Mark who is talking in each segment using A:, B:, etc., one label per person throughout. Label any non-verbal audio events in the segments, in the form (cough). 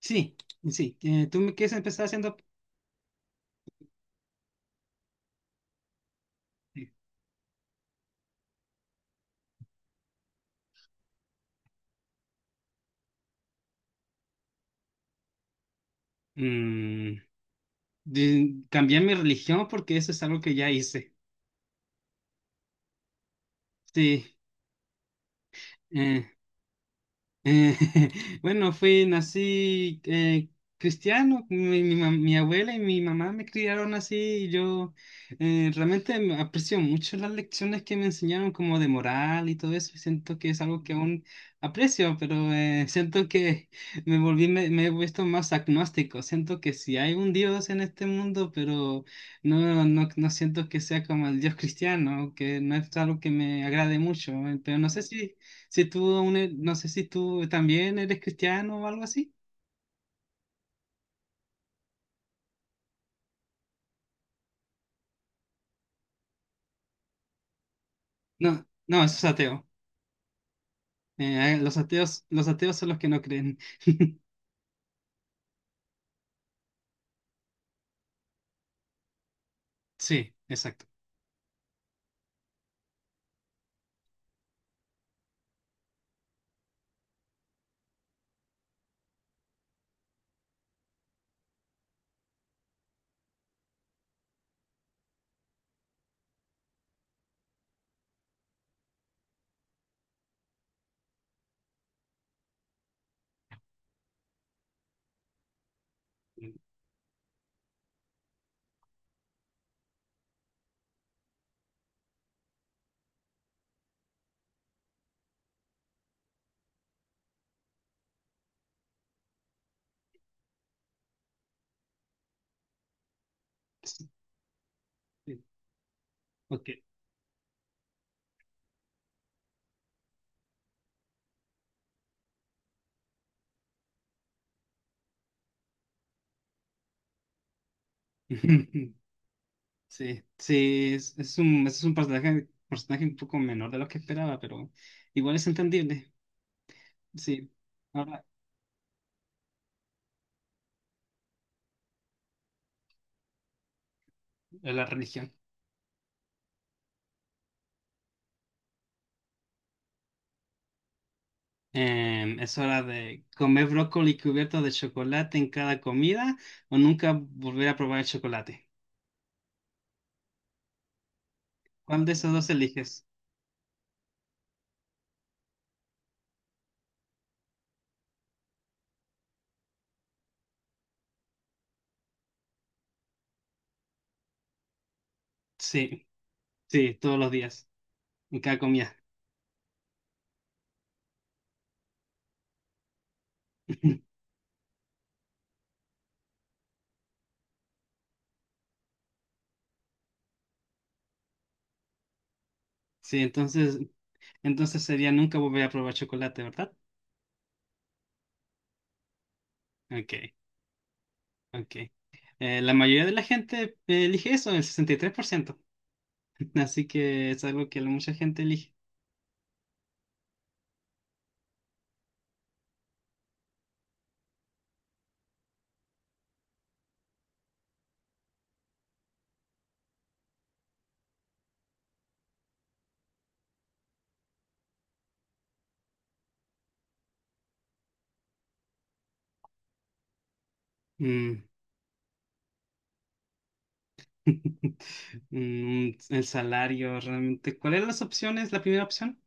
A: Sí, sí. ¿Tú me quieres empezar haciendo? Mm, Cambiar mi religión porque eso es algo que ya hice. Sí. eh, Eh, (laughs) bueno, fui, nací cristiano, mi abuela y mi mamá me criaron así y yo realmente me aprecio mucho las lecciones que me enseñaron como de moral y todo eso y siento que es algo que aún aprecio, pero (laughs) siento que me he vuelto más agnóstico, siento que sí hay un Dios en este mundo, pero no, no, no siento que sea como el Dios cristiano, que no es algo que me agrade mucho, pero no sé si... Si no sé si tú también eres cristiano o algo así. No, no, eso es ateo. Los ateos son los que no creen. (laughs) Sí, exacto. Sí, ok. (laughs) Sí, sí, es es un personaje, personaje un poco menor de lo que esperaba, pero igual es entendible. Sí, ahora la religión. Es hora de comer brócoli cubierto de chocolate en cada comida o nunca volver a probar el chocolate. ¿Cuál de esos dos eliges? Sí, sí, todos los días, en cada comida. (laughs) Sí, entonces sería nunca volver a probar chocolate, ¿verdad? Ok, ok. La mayoría de la gente elige eso, el 63%, (laughs) así que es algo que la mucha gente elige. Mm. (laughs) Mm, el salario, realmente. ¿Cuáles eran las opciones? La primera opción,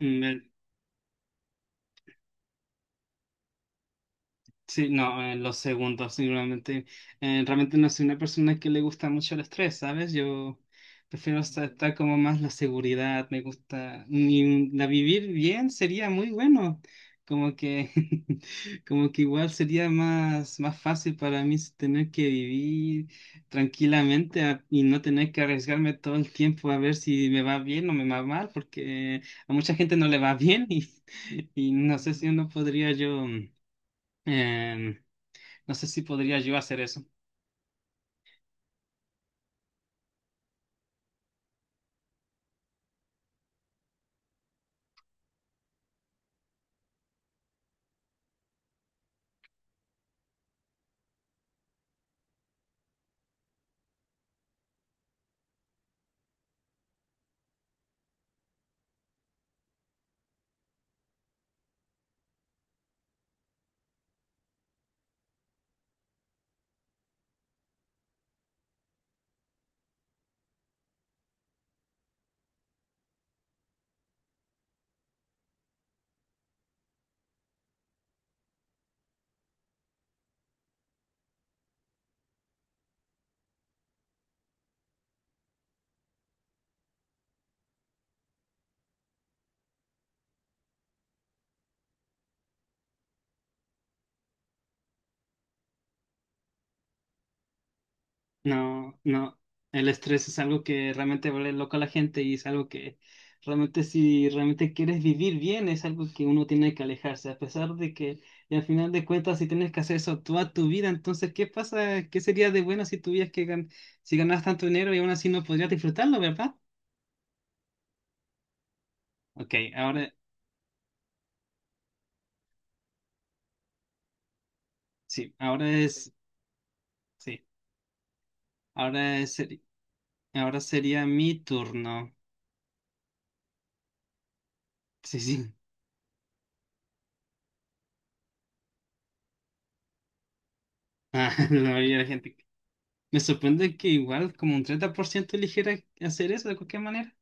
A: mm, el, sí, no, en los segundos, seguramente. Realmente no soy una persona que le gusta mucho el estrés, ¿sabes? Yo prefiero estar como más la seguridad, me gusta. La vivir bien sería muy bueno. Como que, (laughs) como que igual sería más fácil para mí tener que vivir tranquilamente y no tener que arriesgarme todo el tiempo a ver si me va bien o me va mal, porque a mucha gente no le va bien y, (laughs) y no sé si uno podría yo. Em, no sé si podría yo hacer eso. No, no. El estrés es algo que realmente vuelve loco a la gente y es algo que realmente si realmente quieres vivir bien es algo que uno tiene que alejarse, a pesar de que y al final de cuentas si tienes que hacer eso toda tu vida, entonces ¿qué pasa? ¿Qué sería de bueno si tuvieras que si ganas tanto dinero y aún así no podrías disfrutarlo, ¿verdad? Ok, ahora sí, ahora es sí, ahora es seri- ahora sería mi turno. Sí, sí. (laughs) Ah, la mayoría de la gente. Me sorprende que igual como un 30% eligiera hacer eso de cualquier manera.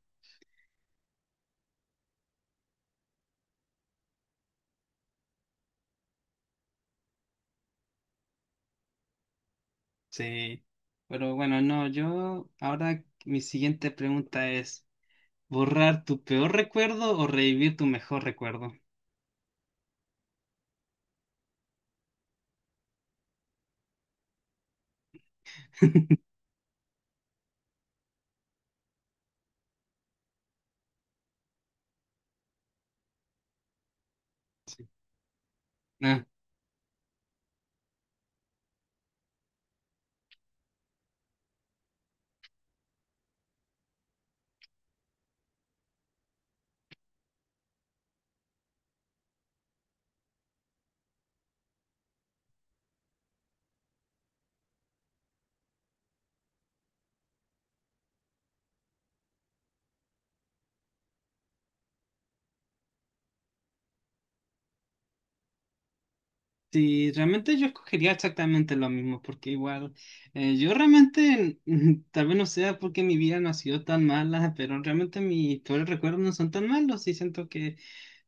A: Sí. Pero bueno, no, yo ahora mi siguiente pregunta es, ¿borrar tu peor recuerdo o revivir tu mejor recuerdo? Sí. Ah, sí, realmente yo escogería exactamente lo mismo, porque igual yo realmente, mm, (laughs) tal vez no sea porque mi vida no ha sido tan mala, pero realmente mis peores recuerdos no son tan malos y siento que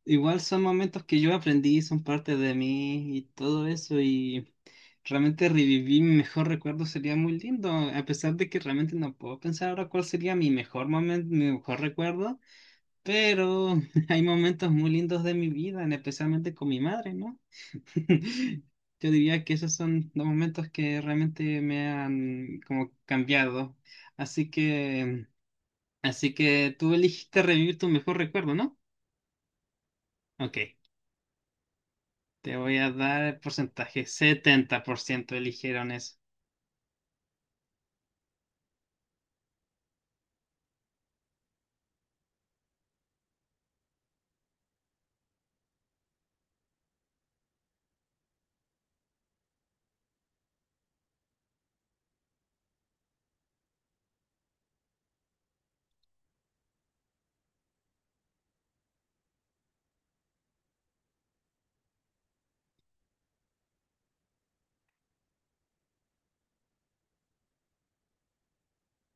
A: igual son momentos que yo aprendí, son parte de mí y todo eso y realmente revivir mi mejor recuerdo sería muy lindo, a pesar de que realmente no puedo pensar ahora cuál sería mi mejor momento, mi mejor recuerdo, pero (laughs) hay momentos muy lindos de mi vida, especialmente con mi madre, ¿no? (laughs) Yo diría que esos son los momentos que realmente me han como cambiado. Así que, así que tú elegiste revivir tu mejor recuerdo, ¿no? Ok. Te voy a dar el porcentaje. 70% eligieron eso.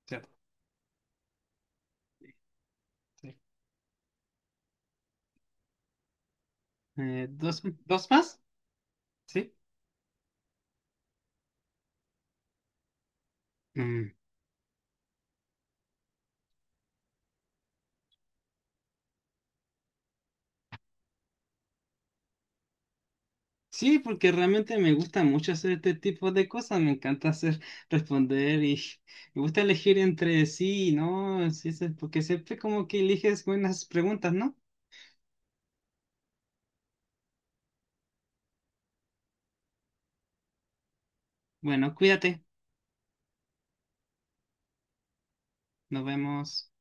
A: Cierto. Sí, sí. ¿Dos, dos más? Sí. Mm. Sí, porque realmente me gusta mucho hacer este tipo de cosas. Me encanta hacer, responder y (laughs) me gusta elegir entre sí y no. Sí, sí, porque siempre como que eliges buenas preguntas, ¿no? Bueno, cuídate. Nos vemos.